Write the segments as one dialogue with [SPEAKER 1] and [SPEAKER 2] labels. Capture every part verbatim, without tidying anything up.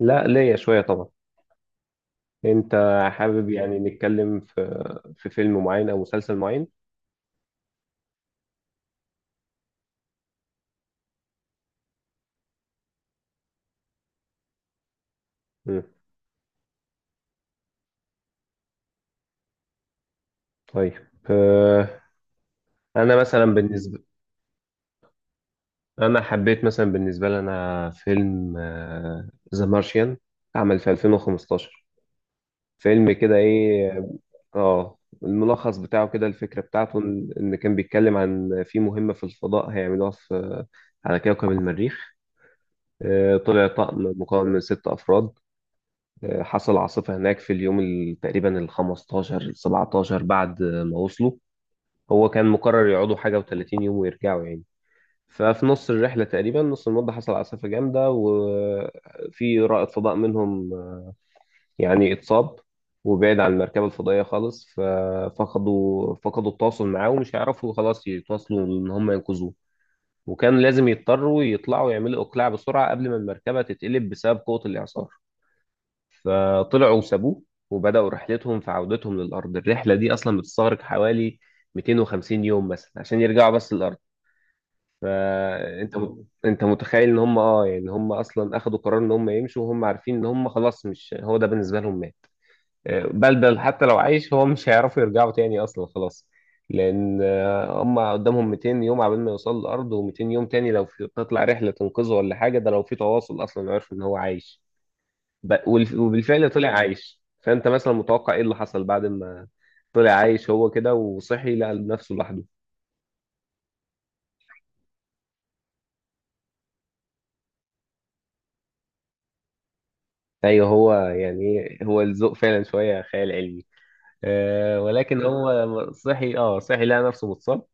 [SPEAKER 1] لا، ليا شوية طبعا. انت؟ حابب يعني نتكلم في في فيلم معين او مسلسل معين؟ مم. طيب. آه، انا مثلا بالنسبة انا حبيت مثلا بالنسبة لي انا فيلم ذا مارشيان، عمل في ألفين وخمستاشر. فيلم كده، ايه، اه الملخص بتاعه كده، الفكرة بتاعته ان إن كان بيتكلم عن في مهمة في الفضاء هيعملوها في على كوكب المريخ. آه، طلع طقم مكون من ست أفراد، حصل عاصفة هناك في اليوم ال- تقريبا ال خمستاشر ال سبعتاشر بعد ما وصلوا. هو كان مقرر يقعدوا حاجة و30 يوم ويرجعوا يعني. ففي نص الرحلة تقريبا، نص المدة، حصل عاصفة جامدة، وفي رائد فضاء منهم يعني اتصاب وبعد عن المركبة الفضائية خالص، ففقدوا فقدوا التواصل معاه ومش هيعرفوا خلاص يتواصلوا إن هم ينقذوه، وكان لازم يضطروا يطلعوا، يعملوا إقلاع بسرعة قبل ما المركبة تتقلب بسبب قوة الإعصار، فطلعوا وسابوه وبدأوا رحلتهم في عودتهم للأرض. الرحلة دي أصلا بتستغرق حوالي ميتين وخمسين يوم مثلا عشان يرجعوا بس للأرض. فأنت أنت متخيل إن هم أه يعني هم أصلا أخدوا قرار إن هم يمشوا وهم عارفين إن هم خلاص، مش، هو ده بالنسبة لهم مات. آه، بل بل حتى لو عايش هو مش هيعرفوا يرجعوا تاني أصلا خلاص، لأن آه، هم قدامهم ميتين يوم عبال ما يوصلوا للأرض، و200 يوم تاني لو في تطلع رحلة تنقذه ولا حاجة، ده لو في تواصل أصلا يعرف إن هو عايش. ب... والف- وبالفعل طلع عايش. فانت مثلا متوقع ايه اللي حصل بعد ما طلع عايش؟ هو كده وصحي لقى نفسه لوحده. ايوه، هو يعني، إيه، هو الذوق فعلا شويه خيال علمي. أه ولكن هو صحي، اه صحي، لقى نفسه متصاب،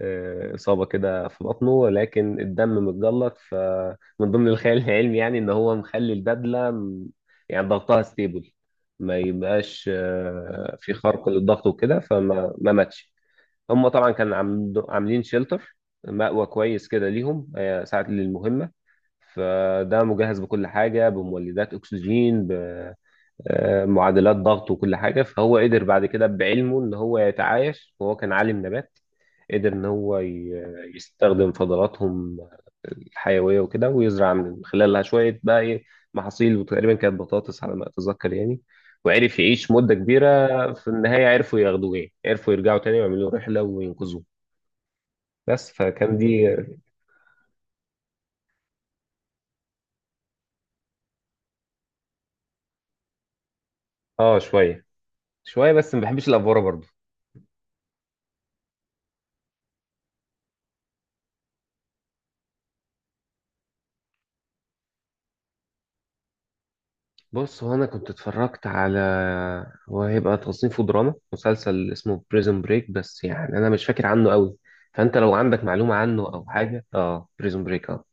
[SPEAKER 1] آه، إصابة كده في بطنه، ولكن الدم متجلط. فمن ضمن الخيال العلمي يعني إن هو مخلي البدلة م- يعني ضغطها ستيبل، ما يبقاش آه، في خرق للضغط وكده، فما ما ماتش. هم طبعا كانوا عامل- عاملين شيلتر، مأوى كويس كده ليهم آه، ساعة للمهمة. فده مجهز بكل حاجة، بمولدات أكسجين، بمعادلات ضغط، وكل حاجة. فهو قدر بعد كده بعلمه إن هو يتعايش، وهو كان عالم نبات. قدر إن هو ي- يستخدم فضلاتهم الحيوية وكده، ويزرع من خلالها شوية بقى، إيه، محاصيل. وتقريبا كانت بطاطس على ما أتذكر يعني، وعرف يعيش مدة كبيرة. في النهاية عرفوا ياخدوه، يعني عرفوا يرجعوا تاني ويعملوا رحلة وينقذوه. بس، فكان دي. اه، شويه شويه، بس ما بحبش الافوره برضو. بص، هو انا كنت اتفرجت على، هو هيبقى تصنيفه دراما، مسلسل اسمه بريزون بريك، بس يعني انا مش فاكر عنه قوي. فانت لو عندك معلومه عنه او حاجه، اه، بريزون بريك، اه.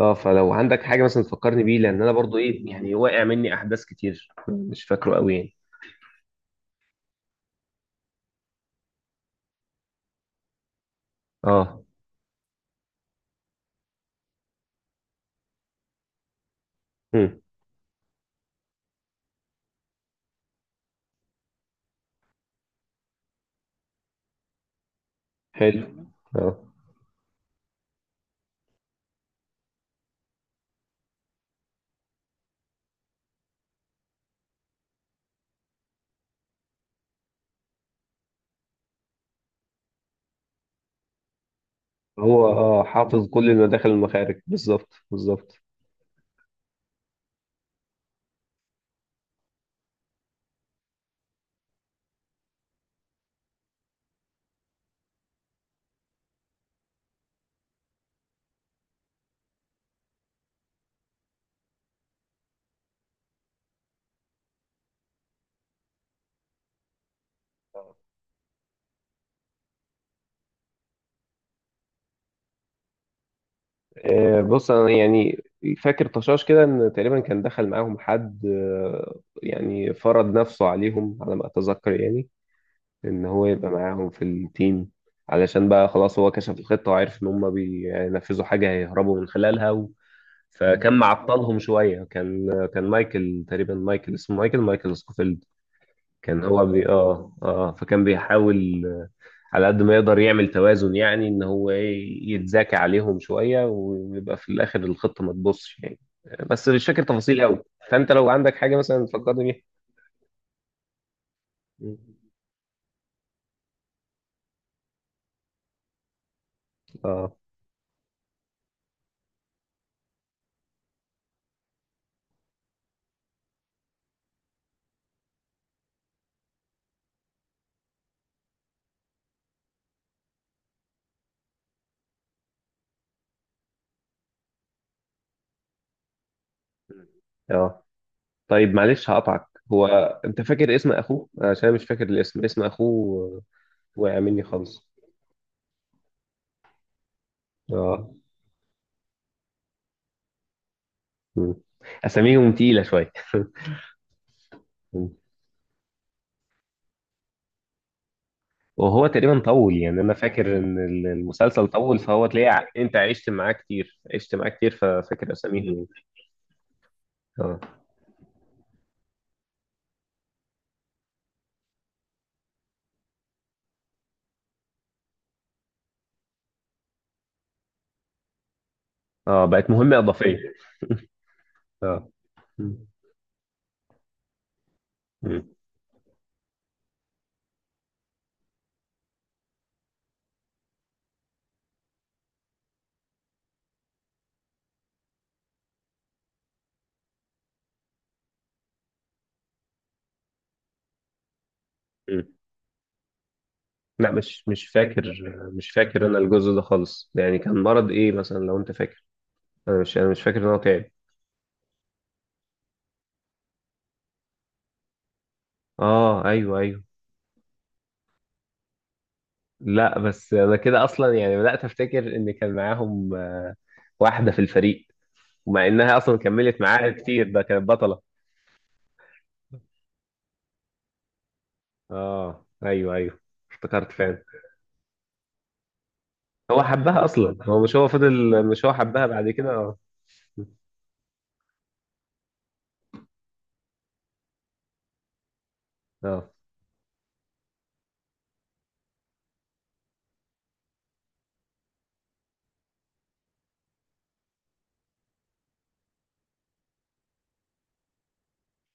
[SPEAKER 1] اه، فلو عندك حاجه مثلا تفكرني بيه، لان انا برضو ايه، يعني واقع مني احداث كتير، مش فاكره قوي يعني. اه. امم حلو. اه هو، اه حافظ كل المداخل والمخارج، بالظبط بالظبط. آه، بص، انا يعني فاكر طشاش كده ان تقريبا كان دخل معاهم حد، آه، يعني فرض نفسه عليهم على ما اتذكر يعني، ان هو يبقى معاهم في التيم، علشان بقى خلاص هو كشف الخطة وعرف ان هم بينفذوا حاجة هيهربوا من خلالها و... فكان معطلهم شوية. كان، كان مايكل تقريبا مايكل اسمه مايكل مايكل سكوفيلد. كان هو بي اه اه فكان بيحاول آه، على قد ما يقدر يعمل توازن، يعني ان هو، ايه، يتذاكى عليهم شويه ويبقى في الاخر الخطه ما تبصش يعني. بس مش فاكر تفاصيل قوي. فانت لو عندك حاجه مثلا تفكرني بيها. مم. اه، اه، طيب، معلش هقطعك. هو، انت فاكر اسم اخوه؟ عشان أنا مش فاكر الاسم، اسم اخوه، آه، وقع مني خالص. اه. مم. اساميهم تقيله شويه. وهو تقريبا طول، يعني انا فاكر ان ال- المسلسل طول، فهو تلاقي، ع- انت عشت معاه كتير، عشت معاه كتير، ففاكر اساميهم. اه. اه، بقت مهمة إضافية. اه. م. م. م. لا، مش مش فاكر، مش فاكر انا الجزء ده خالص يعني. كان مرض ايه مثلا لو انت فاكر؟ انا مش انا مش فاكر ان هو تعب. اه، ايوه، ايوه. لا، بس انا كده اصلا يعني بدأت افتكر ان كان معاهم، آه، واحدة في الفريق، ومع انها اصلا كملت معاها كتير، ده كانت بطلة. اه، ايوه، ايوه، افتكرت فعلا. هو حبها اصلا، هو، مش هو فضل مش هو حبها بعد كده، اه. اه،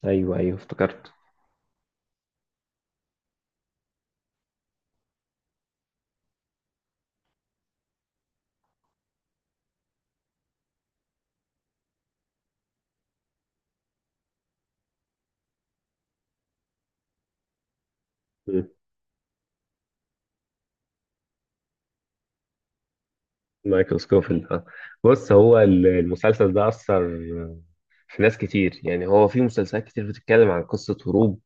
[SPEAKER 1] ايوه، ايوه، افتكرت. مم. مايكل سكوفيلد، اه. بص، هو ال- المسلسل ده اثر في ناس كتير، يعني هو في مسلسلات كتير بتتكلم عن قصه هروب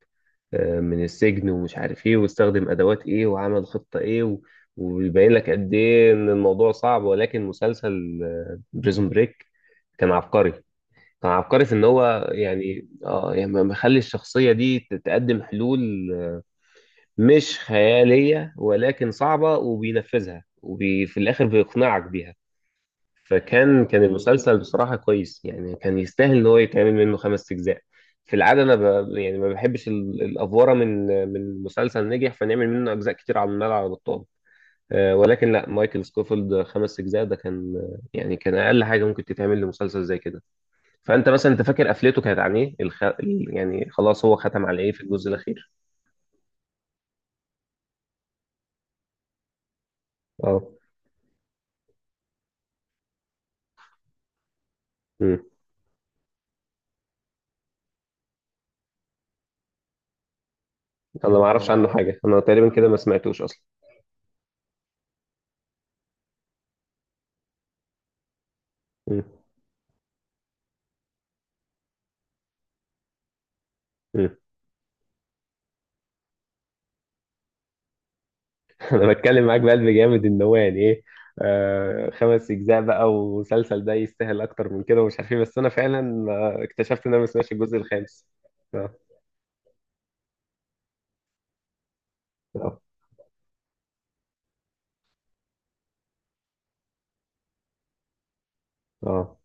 [SPEAKER 1] آه، من السجن، ومش عارف ايه، واستخدم ادوات ايه، وعمل خطه ايه، و... ويبين لك قد ايه ان الموضوع صعب، ولكن مسلسل بريزون بريك كان عبقري، كان عبقري في ان هو، يعني اه يعني مخلي الشخصيه دي تقدم حلول مش خيالية، ولكن صعبة، وبينفذها، وفي الآخر بيقنعك بيها. فكان كان المسلسل بصراحة كويس يعني، كان يستاهل إن هو يتعمل منه خمس أجزاء. في العادة أنا ب... يعني ما بحبش ال- الأفورة، من من مسلسل نجح فنعمل منه أجزاء كتير على الملعب، على بطال، آه، ولكن لا، مايكل سكوفيلد خمس أجزاء ده كان، يعني كان أقل حاجة ممكن تتعمل لمسلسل زي كده. فأنت مثلا، أنت فاكر قفلته كانت عن إيه؟ الخ... ال- يعني خلاص، هو ختم على إيه في الجزء الأخير؟ اه. انا ما اعرفش هو عنه حاجه، انا تقريبا كده ما سمعتوش اصلا. مم. مم. انا بتكلم معاك بقلب جامد ان هو، يعني ايه، آه خمس اجزاء بقى، ومسلسل ده يستاهل اكتر من كده، ومش عارف ايه، بس انا فعلا آه، اكتشفت ان انا ما سمعتش الجزء الخامس. اه. اه. آه.